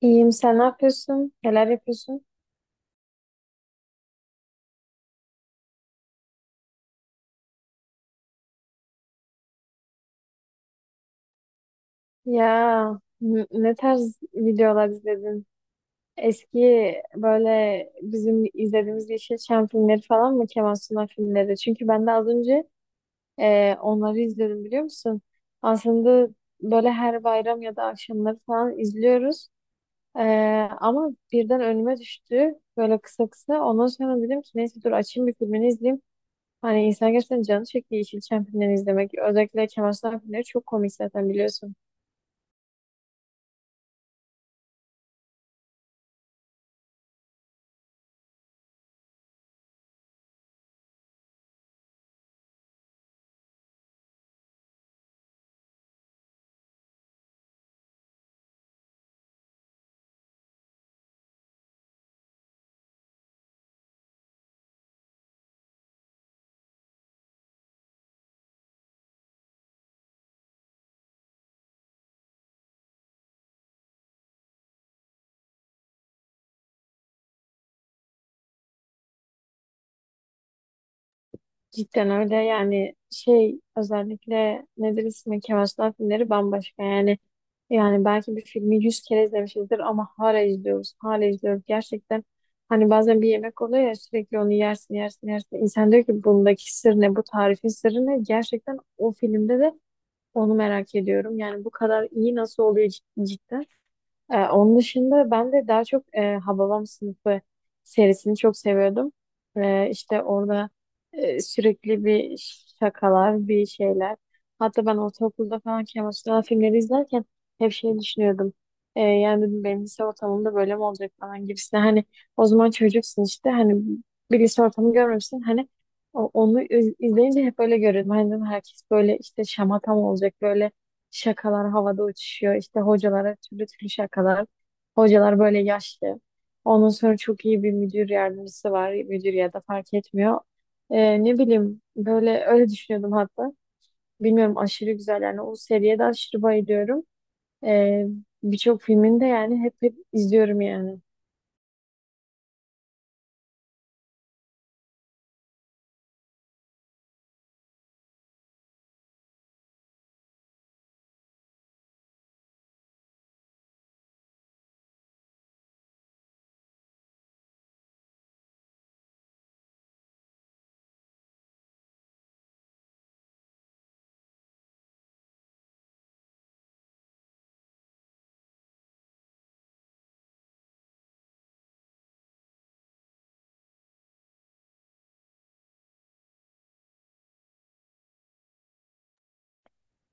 İyiyim, sen ne yapıyorsun? Neler yapıyorsun? Ya ne tarz videolar izledin? Eski böyle bizim izlediğimiz Yeşilçam filmleri falan mı? Kemal Sunal filmleri. Çünkü ben de az önce onları izledim biliyor musun? Aslında böyle her bayram ya da akşamları falan izliyoruz. E, Ama birden önüme düştü böyle kısa kısa. Ondan sonra dedim ki neyse dur açayım bir filmini izleyeyim. Hani insan gerçekten canı çekti Yeşilçam filmlerini izlemek. Özellikle Kemal Sunal filmleri çok komik zaten biliyorsun. Cidden öyle yani şey özellikle nedir ismi Kemal Sunal filmleri bambaşka yani. Yani belki bir filmi yüz kere izlemişizdir ama hala izliyoruz. Hala izliyoruz gerçekten. Hani bazen bir yemek oluyor ya sürekli onu yersin yersin yersin. İnsan diyor ki bundaki sır ne, bu tarifin sırrı ne? Gerçekten o filmde de onu merak ediyorum. Yani bu kadar iyi nasıl oluyor cidden. Onun dışında ben de daha çok Hababam Sınıfı serisini çok seviyordum. İşte orada sürekli bir şakalar, bir şeyler. Hatta ben ortaokulda falan Kemal Sunal filmleri izlerken hep şey düşünüyordum. Yani dedim benim lise ortamımda böyle mi olacak falan gibisine. Hani o zaman çocuksun işte hani bir lise ortamı görmemişsin. Hani onu izleyince hep böyle görüyordum. Hani dedim herkes böyle işte şamata mı olacak böyle şakalar havada uçuşuyor. İşte hocalara türlü türlü şakalar. Hocalar böyle yaşlı. Ondan sonra çok iyi bir müdür yardımcısı var. Müdür ya da fark etmiyor. Ne bileyim böyle öyle düşünüyordum hatta. Bilmiyorum aşırı güzel yani o seriye de aşırı bayılıyorum. Ee, Birçok filmini de yani hep izliyorum yani.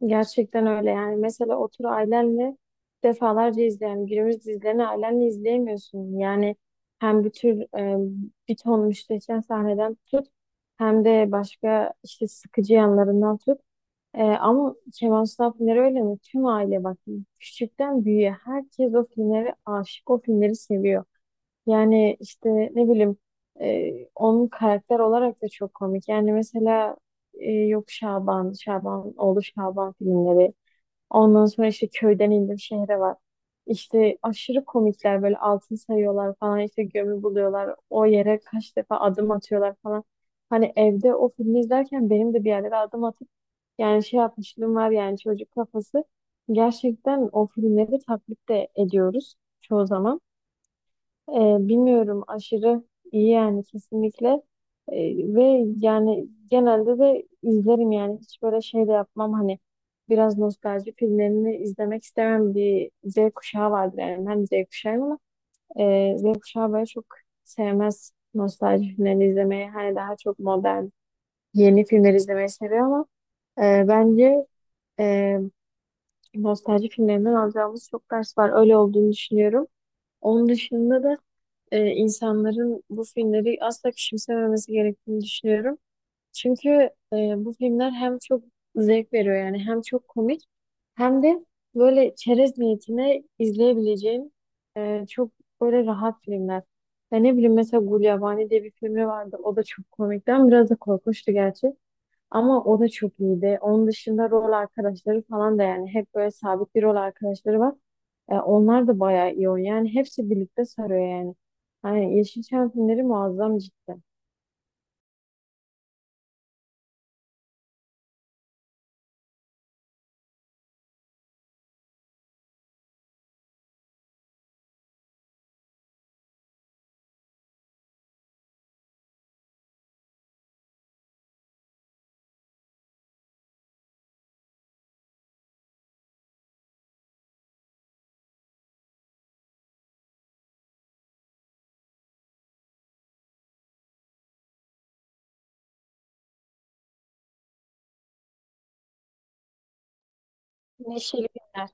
Gerçekten öyle yani. Mesela otur ailenle defalarca izleyen günümüz dizilerini ailenle izleyemiyorsun. Yani hem bir tür bir ton müstehcen sahneden tut, hem de başka işte sıkıcı yanlarından tut. Ama Kemal Sunal filmleri öyle mi? Tüm aile bak, küçükten büyüğe herkes o filmleri aşık, o filmleri seviyor. Yani işte ne bileyim, onun karakter olarak da çok komik. Yani mesela yok Şaban, Şaban, oğlu Şaban filmleri. Ondan sonra işte köyden indim şehre var. İşte aşırı komikler, böyle altın sayıyorlar falan, işte gömü buluyorlar. O yere kaç defa adım atıyorlar falan. Hani evde o filmi izlerken benim de bir yerlere adım atıp yani şey yapmışlığım var, yani çocuk kafası. Gerçekten o filmleri taklit de ediyoruz çoğu zaman. Ee, Bilmiyorum aşırı iyi yani kesinlikle. Ve yani genelde de izlerim, yani hiç böyle şey de yapmam, hani biraz nostalji filmlerini izlemek istemem bir Z kuşağı vardır, yani ben Z kuşağıyım ama Z kuşağı böyle çok sevmez nostalji filmlerini izlemeyi, hani daha çok modern yeni filmler izlemeyi seviyor, ama bence e, nostalji filmlerinden alacağımız çok ders var, öyle olduğunu düşünüyorum. Onun dışında da insanların bu filmleri asla küçümsememesi gerektiğini düşünüyorum. Çünkü e, bu filmler hem çok zevk veriyor yani, hem çok komik, hem de böyle çerez niyetine izleyebileceğin çok böyle rahat filmler. Ya ne bileyim, mesela Gulyabani diye bir filmi vardı. O da çok komikti ama biraz da korkunçtu gerçi. Ama o da çok iyiydi. Onun dışında rol arkadaşları falan da yani hep böyle sabit bir rol arkadaşları var. Onlar da bayağı iyi oynuyor. Yani hepsi birlikte sarıyor yani. Hani Yeşilçam filmleri muazzam cidden. Neşeli filmler.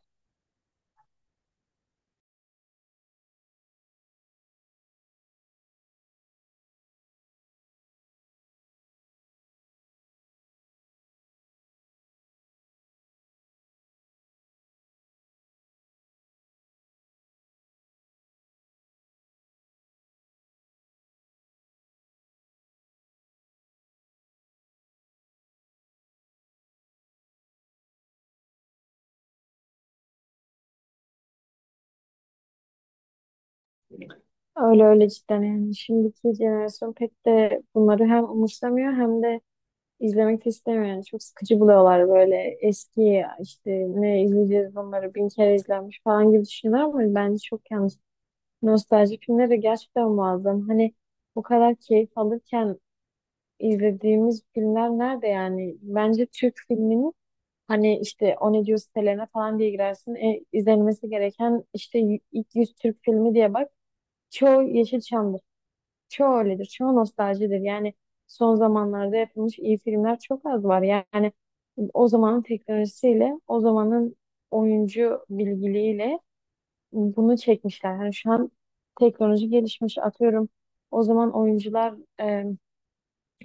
Öyle öyle cidden yani. Şimdiki jenerasyon pek de bunları hem umursamıyor hem de izlemek de istemiyor. Yani çok sıkıcı buluyorlar, böyle eski işte ne izleyeceğiz bunları, bin kere izlenmiş falan gibi düşünüyorlar ama bence çok yanlış. Nostalji filmleri de gerçekten muazzam. Hani o kadar keyif alırken izlediğimiz filmler nerede yani? Bence Türk filminin hani işte o ne diyor sitelerine falan diye girersin. E, izlenmesi gereken işte ilk 100 Türk filmi diye bak. Çoğu Yeşilçam'dır. Çoğu öyledir. Çoğu nostaljidir. Yani son zamanlarda yapılmış iyi filmler çok az var. Yani o zamanın teknolojisiyle, o zamanın oyuncu bilgiliğiyle bunu çekmişler. Yani şu an teknoloji gelişmiş, atıyorum. O zaman oyuncular e,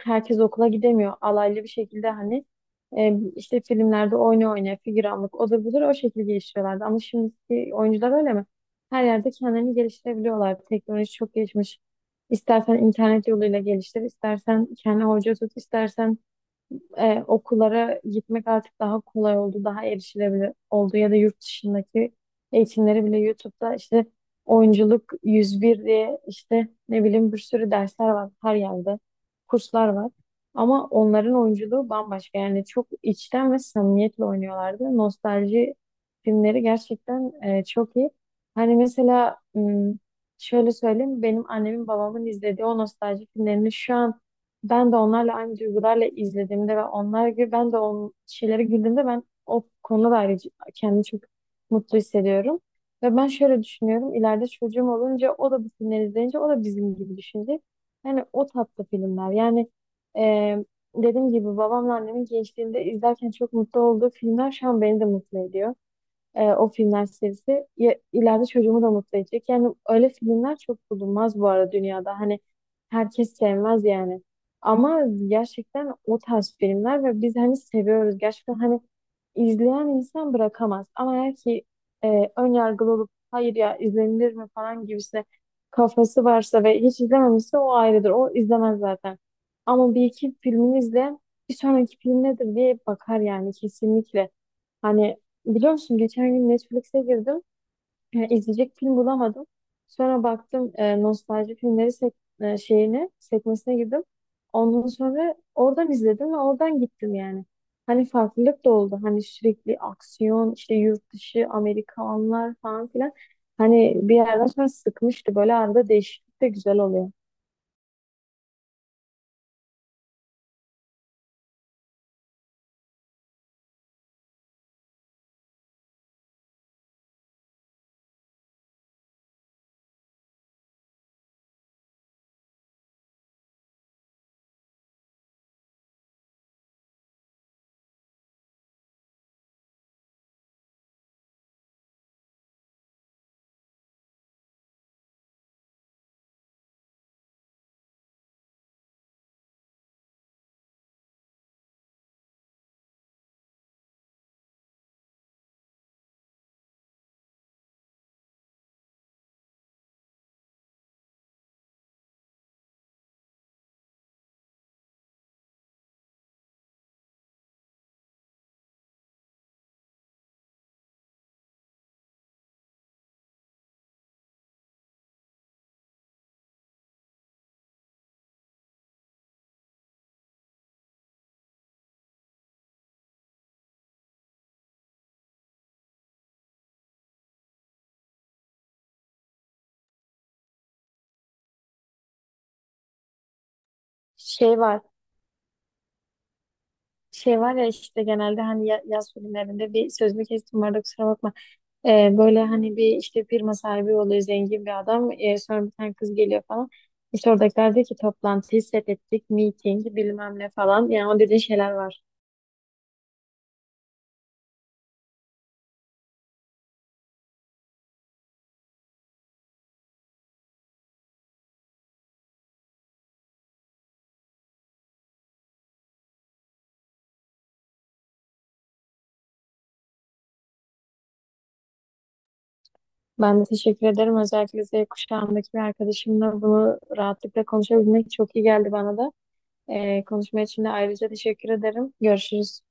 herkes okula gidemiyor. Alaylı bir şekilde hani işte filmlerde oyna oyna figüranlık odur budur o şekilde geliştiriyorlardı. Ama şimdiki oyuncular öyle mi? Her yerde kendilerini geliştirebiliyorlar. Teknoloji çok gelişmiş. İstersen internet yoluyla geliştir, istersen kendi hoca tut, istersen okullara gitmek artık daha kolay oldu, daha erişilebilir oldu, ya da yurt dışındaki eğitimleri bile YouTube'da işte oyunculuk 101 diye işte ne bileyim bir sürü dersler var her yerde, kurslar var. Ama onların oyunculuğu bambaşka yani, çok içten ve samimiyetle oynuyorlardı. Nostalji filmleri gerçekten çok iyi. Hani mesela şöyle söyleyeyim, benim annemin babamın izlediği o nostalji filmlerini şu an ben de onlarla aynı duygularla izlediğimde ve onlar gibi ben de o şeylere güldüğümde ben o konuda da ayrıca kendimi çok mutlu hissediyorum. Ve ben şöyle düşünüyorum. İleride çocuğum olunca o da bu filmleri izleyince o da bizim gibi düşünecek. Yani o tatlı filmler. Yani e, dediğim gibi babamla annemin gençliğinde izlerken çok mutlu olduğu filmler şu an beni de mutlu ediyor, o filmler serisi ya, ileride çocuğumu da mutlu edecek. Yani öyle filmler çok bulunmaz bu arada dünyada. Hani herkes sevmez yani. Ama gerçekten o tarz filmler ve biz hani seviyoruz. Gerçekten hani izleyen insan bırakamaz. Ama eğer ki ön yargılı olup hayır ya izlenilir mi falan gibisine kafası varsa ve hiç izlememişse o ayrıdır. O izlemez zaten. Ama bir iki filmini izleyen bir sonraki film nedir diye bakar yani kesinlikle. Hani biliyor musun geçen gün Netflix'e girdim. E, izleyecek film bulamadım. Sonra baktım nostalji filmleri sek e, şeyine sekmesine girdim. Ondan sonra oradan izledim ve oradan gittim yani. Hani farklılık da oldu. Hani sürekli aksiyon, işte yurt dışı, Amerikanlar falan filan. Hani bir yerden sonra sıkmıştı. Böyle arada değişiklik de güzel oluyor. Şey var. Şey var ya işte genelde hani yaz filmlerinde bir, sözünü kestim orada, kusura bakma. Böyle hani bir işte firma sahibi oluyor zengin bir adam. Sonra bir tane kız geliyor falan. İşte oradakiler diyor ki toplantıyı set ettik, meeting bilmem ne falan. Yani o dediğin şeyler var. Ben de teşekkür ederim. Özellikle Z kuşağındaki bir arkadaşımla bunu rahatlıkla konuşabilmek çok iyi geldi bana da. Konuşma için de ayrıca teşekkür ederim. Görüşürüz.